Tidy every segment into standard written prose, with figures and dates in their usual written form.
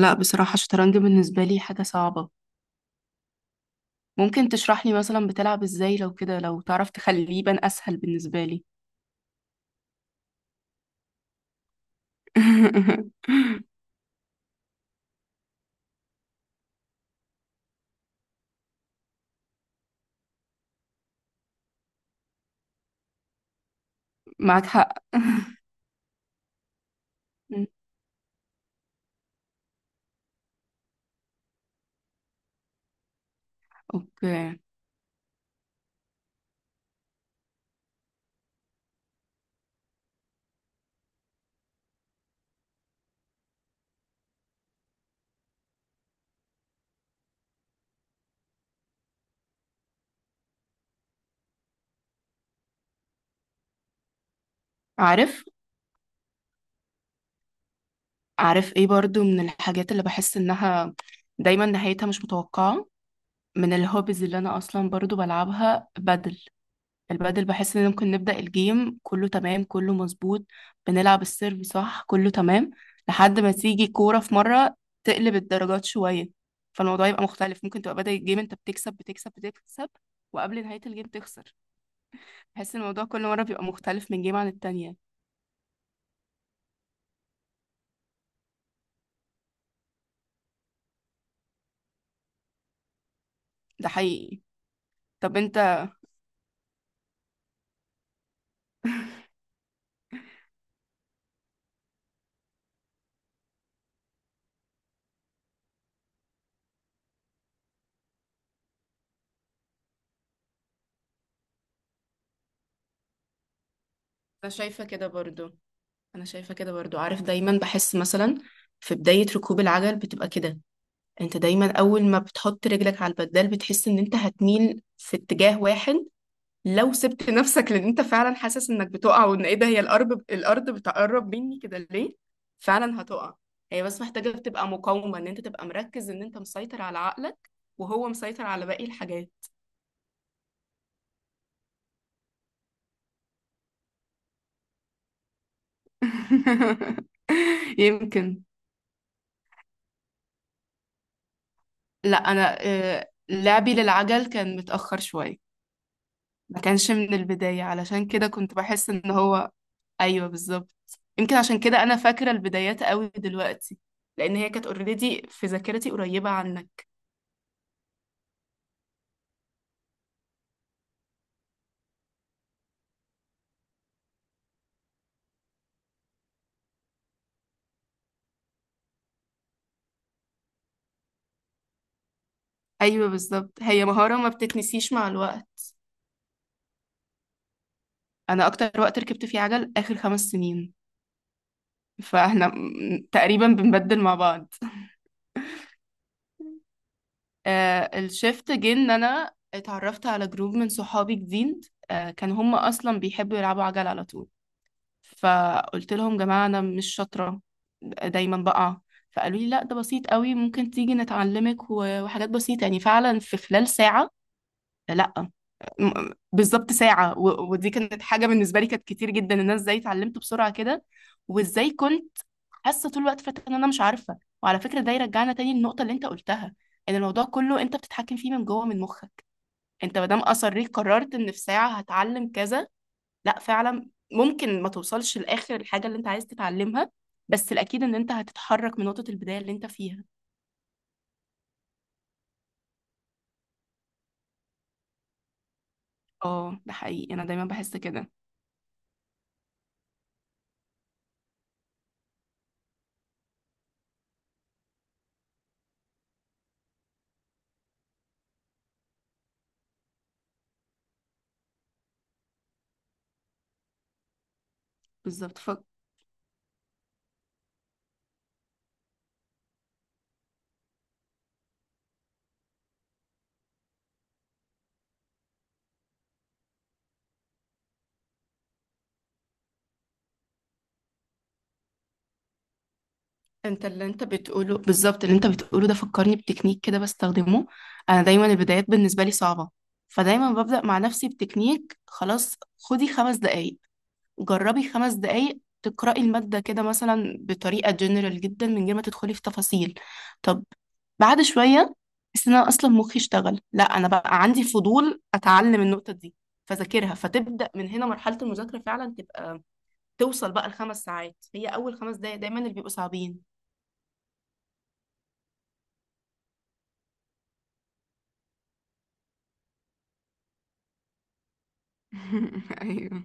لا، بصراحة الشطرنج بالنسبة لي حاجة صعبة. ممكن تشرح لي مثلا بتلعب ازاي؟ لو كده لو تعرف تخليه يبان اسهل بالنسبة لي. معاك حق. مم. اوكي. عارف عارف ايه برضو من الحاجات اللي بحس انها دايما نهايتها مش متوقعة؟ من الهوبيز اللي انا اصلا برضو بلعبها بدل. البدل بحس ان ممكن نبدأ الجيم كله تمام، كله مظبوط. بنلعب السيرف صح، كله تمام، لحد ما تيجي كورة في مرة تقلب الدرجات شوية. فالموضوع يبقى مختلف، ممكن تبقى بدأ الجيم انت بتكسب، بتكسب، بتكسب، وقبل نهاية الجيم تخسر. بحس ان الموضوع كل مرة بيبقى مختلف من جيم عن التانية. ده حقيقي. طب انت انا شايفة كده برضو انا شايفة كده برضو، عارف دايما بحس مثلا في بداية ركوب العجل بتبقى كده. انت دايما اول ما بتحط رجلك على البدال بتحس ان انت هتميل في اتجاه واحد. لو سبت نفسك، لان انت فعلا حاسس انك بتقع وان ايه ده، هي الارض، الارض بتقرب مني كده ليه؟ فعلا هتقع. هي بس محتاجة تبقى مقاومة، ان انت تبقى مركز، ان انت مسيطر على عقلك وهو مسيطر على باقي الحاجات. يمكن. لا، انا لعبي للعجل كان متأخر شوية. ما كانش من البداية، علشان كده كنت بحس ان هو. ايوه، بالظبط. يمكن عشان كده انا فاكرة البدايات قوي دلوقتي، لان هي كانت اوريدي في ذاكرتي قريبة عنها. ايوه، بالظبط. هي مهارة ما بتتنسيش مع الوقت. انا اكتر وقت ركبت فيه عجل اخر 5 سنين. فاحنا تقريبا بنبدل مع بعض. الشفت جه ان انا اتعرفت على جروب من صحابي جديد. كان هم اصلا بيحبوا يلعبوا عجل على طول. فقلت لهم: جماعة، انا مش شاطرة، دايما بقع. فقالوا لي: لا، ده بسيط قوي، ممكن تيجي نتعلمك و- وحاجات بسيطة، يعني فعلا في خلال ساعة. لا. بالظبط ساعة، و- ودي كانت حاجة بالنسبة لي كانت كتير جدا، ان انا ازاي اتعلمت بسرعة كده. وازاي كنت حاسة طول الوقت فات ان انا مش عارفة. وعلى فكرة ده يرجعنا تاني للنقطة اللي انت قلتها، ان الموضوع كله انت بتتحكم فيه من جوه، من مخك. انت ما دام اصريت قررت ان في ساعة هتعلم كذا، لا، فعلا ممكن ما توصلش لاخر الحاجة اللي انت عايز تتعلمها. بس الاكيد ان انت هتتحرك من نقطة البداية اللي انت فيها. اه، ده حقيقي، انا دايما بحس كده. بالظبط. انت اللي انت بتقوله، بالظبط اللي انت بتقوله ده فكرني بتكنيك كده بستخدمه. انا دايما البدايات بالنسبه لي صعبه. فدايما ببدا مع نفسي بتكنيك: خلاص خدي 5 دقايق، جربي 5 دقايق تقرأي المادة كده مثلا بطريقة جنرال جدا من غير ما تدخلي في تفاصيل. طب بعد شوية بس انا اصلا مخي اشتغل: لا انا بقى عندي فضول اتعلم النقطة دي. فذاكرها، فتبدأ من هنا مرحلة المذاكرة فعلا تبقى توصل بقى الخمس ساعات. هي اول 5 دقايق دايما اللي بيبقوا صعبين. ايوه.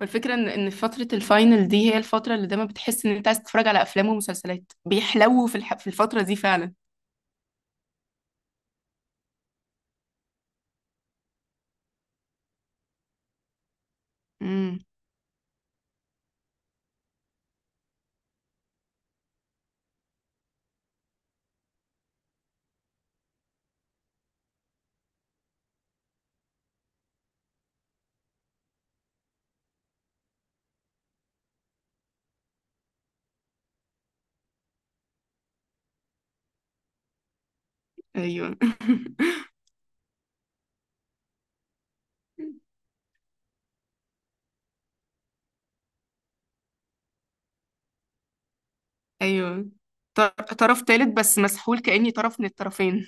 والفكره ان فتره الفاينل دي هي الفتره اللي دايما بتحس ان انت عايز تتفرج على افلام ومسلسلات بيحلو في الفتره دي فعلا. امم. ايوه. ايوه. طر... طرف تالت بس مسحول كاني طرف من الطرفين.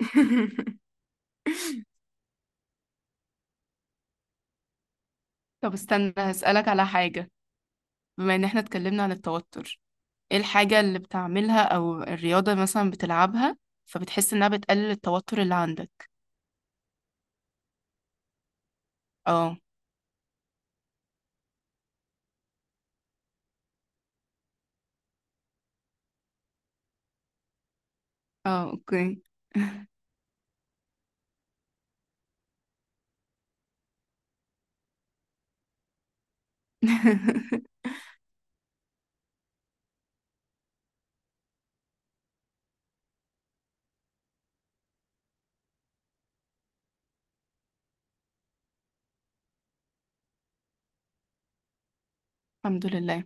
طب استنى، هسألك على حاجة. بما ان احنا اتكلمنا عن التوتر، ايه الحاجة اللي بتعملها او الرياضة مثلا بتلعبها فبتحس انها بتقلل التوتر اللي عندك؟ اه، اه، اوكي. الحمد لله.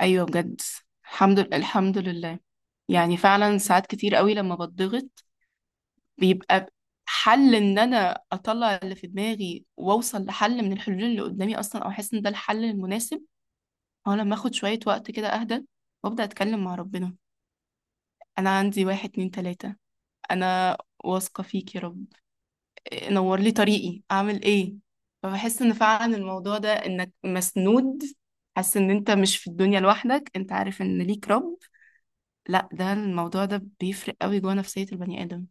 ايوه، بجد. الحمد لله، الحمد لله. يعني فعلا ساعات كتير قوي لما بتضغط بيبقى حل ان انا اطلع اللي في دماغي واوصل لحل من الحلول اللي قدامي اصلا او احس ان ده الحل المناسب. هو لما اخد شوية وقت كده اهدى وابدا اتكلم مع ربنا: انا عندي واحد، اتنين، تلاتة، انا واثقة فيك يا رب، نور لي طريقي اعمل ايه. فبحس ان فعلا الموضوع ده انك مسنود، حاسس ان انت مش في الدنيا لوحدك، انت عارف ان ليك رب. لا، ده الموضوع ده بيفرق قوي جوه نفسية البني آدم.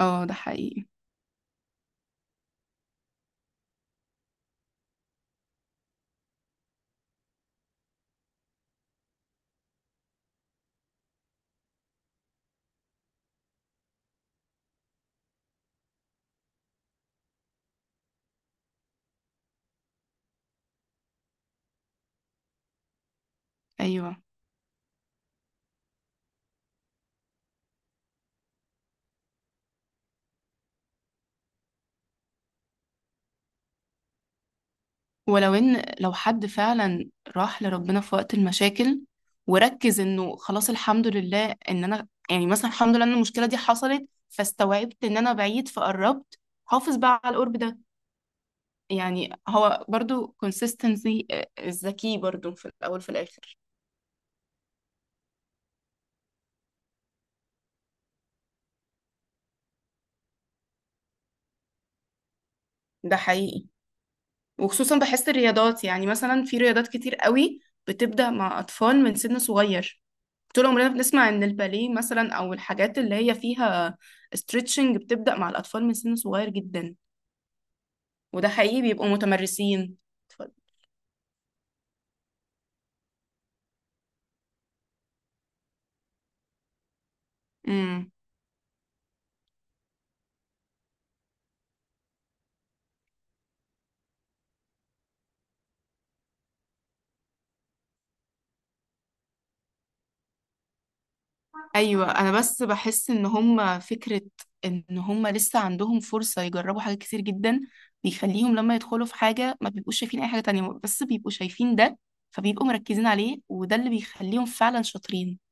اه، ده حقيقي. ايوه، ولو ان لو حد فعلا راح لربنا في وقت المشاكل وركز انه خلاص الحمد لله ان انا، يعني مثلا، الحمد لله ان المشكلة دي حصلت فاستوعبت ان انا بعيد فقربت، حافظ بقى على القرب ده. يعني هو برضو consistency، الذكي برضو في الاول في الاخر. ده حقيقي. وخصوصا بحس الرياضات، يعني مثلا في رياضات كتير قوي بتبدأ مع اطفال من سن صغير. طول عمرنا بنسمع ان الباليه مثلا، او الحاجات اللي هي فيها ستريتشنج، بتبدأ مع الاطفال من سن صغير جدا. وده حقيقي، بيبقوا متمرسين. اتفضل. امم. ايوه، انا بس بحس ان هم فكره ان هم لسه عندهم فرصه يجربوا حاجات كتير جدا، بيخليهم لما يدخلوا في حاجه ما بيبقوش شايفين اي حاجه تانية بس بيبقوا شايفين ده، فبيبقوا مركزين عليه وده اللي بيخليهم فعلا شاطرين.